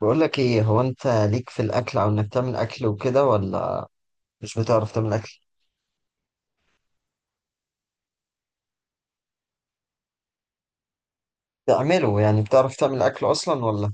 بقول لك ايه؟ هو انت ليك في الاكل او انك تعمل اكل وكده ولا مش بتعرف تعمل اكل؟ تعمله يعني بتعرف تعمل اكل اصلا ولا؟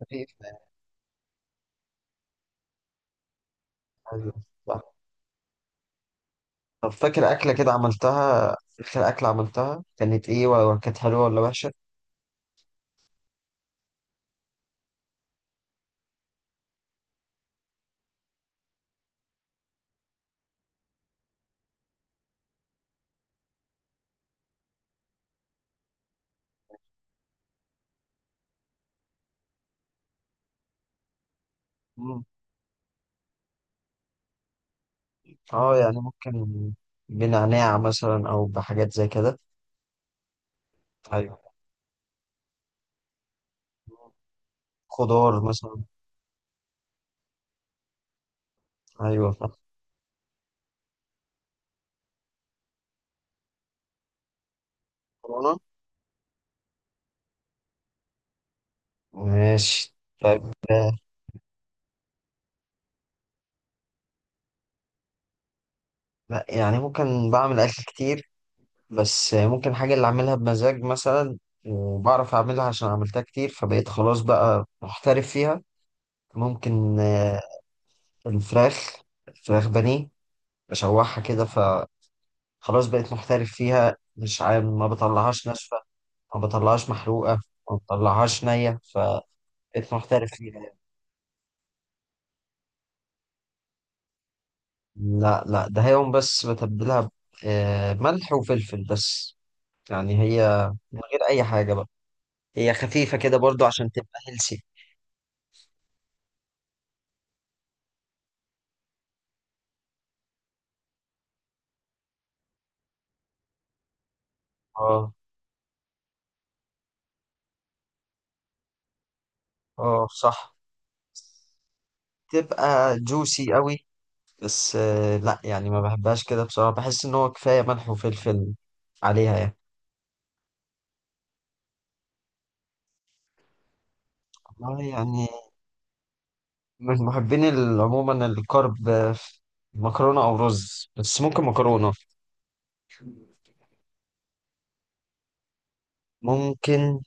خفيف. أيوة، صح. طب فاكر اكله كده عملتها؟ اخر اكله عملتها كانت ايه ولا كانت حلوه ولا وحشه؟ مم. اه، يعني ممكن بنعناع مثلا او بحاجات زي كده. ايوه، خضار مثلا. ايوه، صح. ماشي. طيب. لا، يعني ممكن بعمل اكل كتير، بس ممكن حاجة اللي أعملها بمزاج مثلا، وبعرف أعملها عشان عملتها كتير فبقيت خلاص بقى محترف فيها. ممكن. الفراخ الفراخ بانيه، بشوحها كده فخلاص بقيت محترف فيها، مش عارف. ما بطلعهاش ناشفة، ما بطلعهاش محروقة، ما بطلعهاش نية فبقيت محترف فيها يعني. لا، لا، ده هي يوم بس بتبلها ملح وفلفل بس، يعني هي من غير أي حاجة بقى، هي خفيفة كده برضو عشان تبقى هيلسي. اه. اه، صح. تبقى جوسي قوي. بس لا يعني ما بحبهاش كده بصراحة، بحس ان هو كفاية ملح وفلفل عليها يعني. والله يعني، من محبين عموما الكرب في مكرونة او رز، بس ممكن مكرونة. ممكن،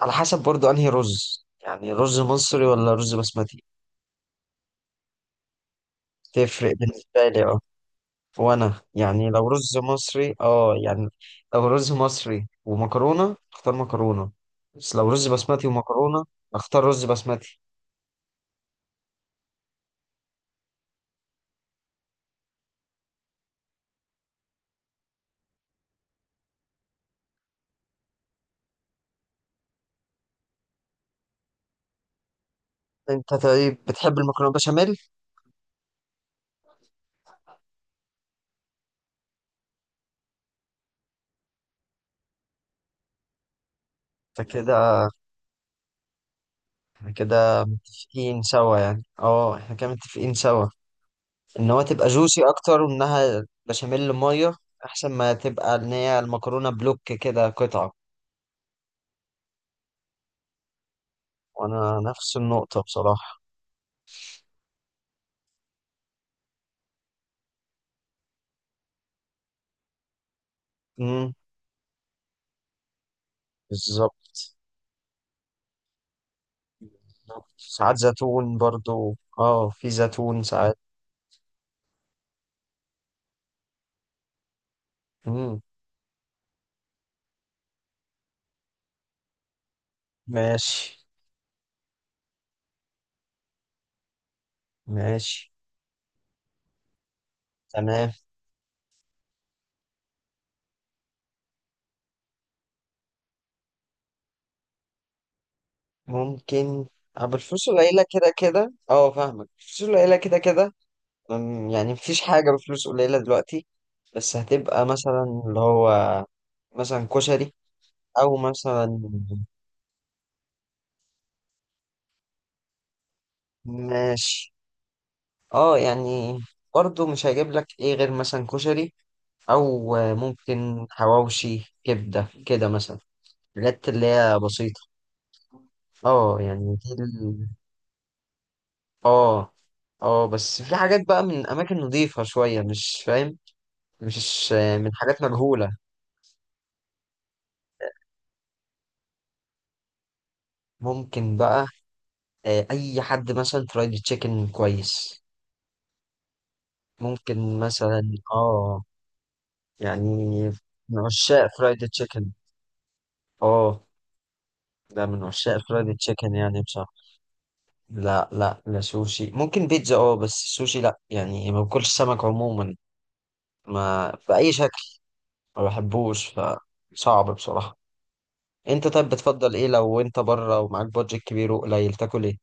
على حسب برضو انهي رز، يعني رز مصري ولا رز بسمتي. تفرق بالنسبة لي، اه. وانا يعني لو رز مصري اه يعني، لو رز مصري ومكرونه اختار مكرونه، بس لو رز بسمتي ومكرونه اختار رز بسمتي. انت طيب بتحب المكرونه بشاميل؟ انت كده، احنا كده متفقين سوا يعني، اه احنا كده متفقين سوا ان هو تبقى جوسي اكتر وانها بشاميل ميه، احسن ما تبقى ان هي المكرونه بلوك كده قطعه. وانا نفس النقطه بصراحه. امم. بالظبط. ساعات زيتون برضو، اه في زيتون ساعات. مم. ماشي. ماشي. تمام. ممكن أبو الفلوس قليلة كده كده، اه فاهمك، الفلوس قليلة كده كده. يعني مفيش حاجة بفلوس قليلة دلوقتي، بس هتبقى مثلا اللي هو مثلا كشري، أو مثلا. ماشي. اه يعني برضو مش هجيب لك ايه غير مثلا كشري، أو ممكن حواوشي كبدة كده مثلا، الحاجات اللي هي بسيطة. اه يعني دي اه. اه، بس في حاجات بقى من اماكن نظيفة شوية مش فاهم، مش من حاجات مجهولة. ممكن بقى اي حد مثلا فرايد تشيكن كويس، ممكن مثلا، اه يعني، من عشاق فرايد تشيكن. اه. ده من عشاق فرايد تشيكن يعني بصراحة. لا لا لا، سوشي ممكن، بيتزا اه، بس سوشي لا، يعني ما باكلش سمك عموما، ما بأي شكل، ما بحبوش فصعب بصراحة. انت طيب بتفضل ايه لو انت بره ومعاك بادجت كبير وقليل تاكل ايه؟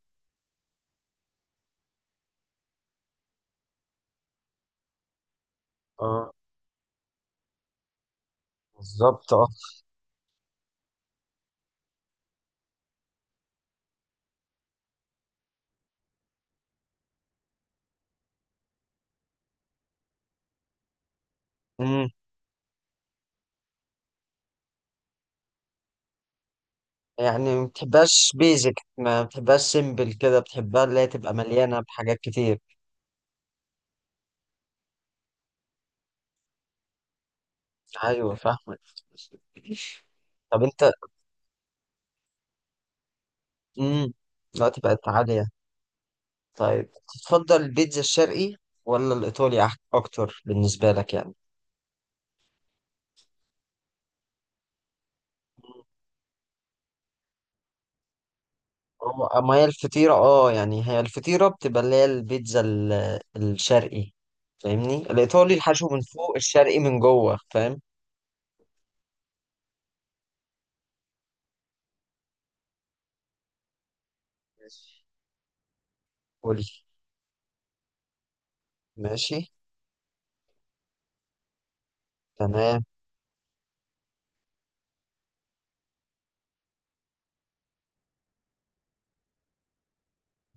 اه، بالظبط اه. امم. يعني ما بتحبهاش بيزك، ما بتحبهاش سيمبل كده، بتحبها اللي هي تبقى مليانه بحاجات كتير. ايوه، فاهمك. طب انت. امم. دلوقتي بقت عاليه. طيب، تفضل البيتزا الشرقي ولا الايطالي اكتر بالنسبه لك يعني؟ هو اما هي الفطيره اه يعني، هي الفطيره بتبقى اللي هي البيتزا الشرقي. فاهمني، الايطالي الحشو من فوق، الشرقي من جوه، فاهم. ماشي. قولي. ماشي. تمام.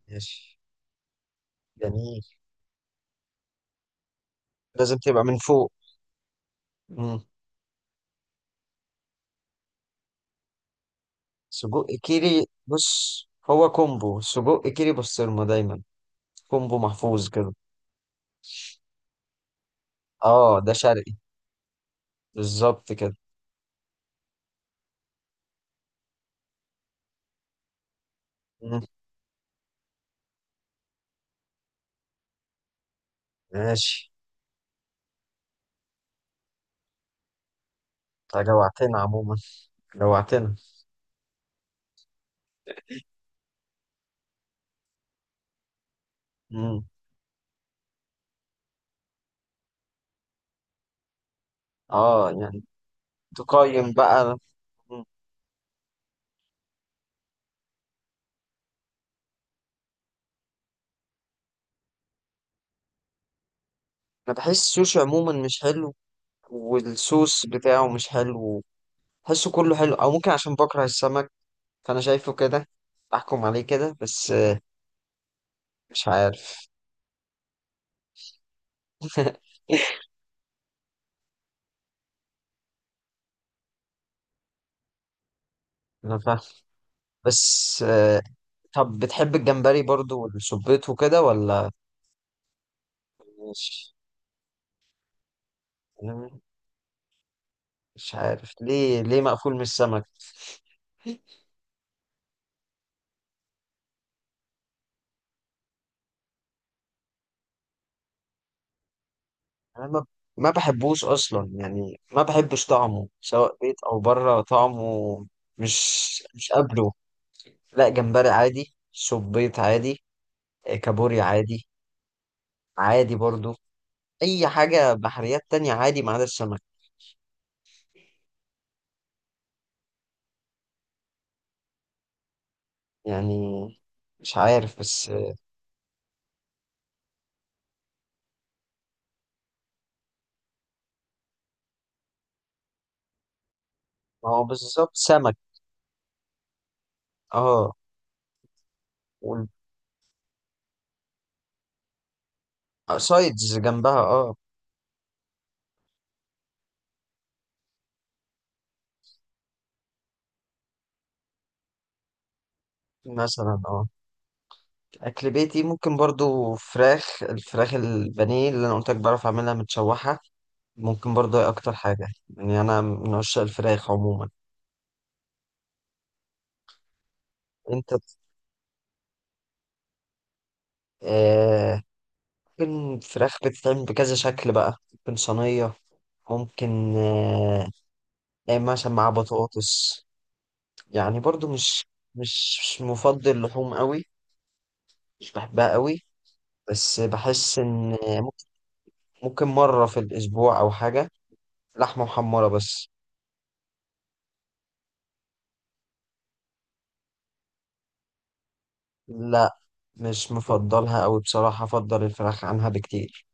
ماشي. جميل. لازم تبقى من فوق. مم. سجق كيري، بص، هو كومبو سجق كيري بسطرمة دايما، كومبو محفوظ كده. اه ده شرقي، بالظبط كده. مم. ماشي. انت جوعتنا عموما، جوعتنا. مم. اه يعني، تقيم بقى. مم. انا بحس السوشي عموما مش حلو، والصوص بتاعه مش حلو، بحسه كله حلو، او ممكن عشان بكره السمك، فانا شايفه كده، احكم عليه كده بس. مش عارف. انا فاهم، بس. طب بتحب الجمبري برضو والسبيط وكده ولا؟ مش مش عارف ليه مقفول من السمك؟ انا ما بحبوش اصلا يعني، ما بحبش طعمه سواء بيت او بره طعمه. مش مش قابله. لا، جمبري عادي، سبيط عادي، كابوريا عادي، عادي برضو، اي حاجة بحريات تانية عادي ما عدا السمك. يعني مش عارف، بس ما هو بالظبط سمك. اه، والسايدز جنبها اه. مثلا اه، اكل بيتي ممكن برضو فراخ، الفراخ البانيه اللي انا قلت لك بعرف اعملها متشوحه، ممكن برضو هي اكتر حاجه، يعني انا من عشاق الفراخ عموما. انت. آه ممكن فراخ بتتعمل بكذا شكل بقى، ممكن صينيه، ممكن تعمل مثلا مع بطاطس. يعني برضو مش مفضل لحوم قوي، مش بحبها قوي، بس بحس إن ممكن مرة في الأسبوع أو حاجة، لحمة محمرة بس. لا، مش مفضلها أوي بصراحة، أفضل الفراخ عنها بكتير.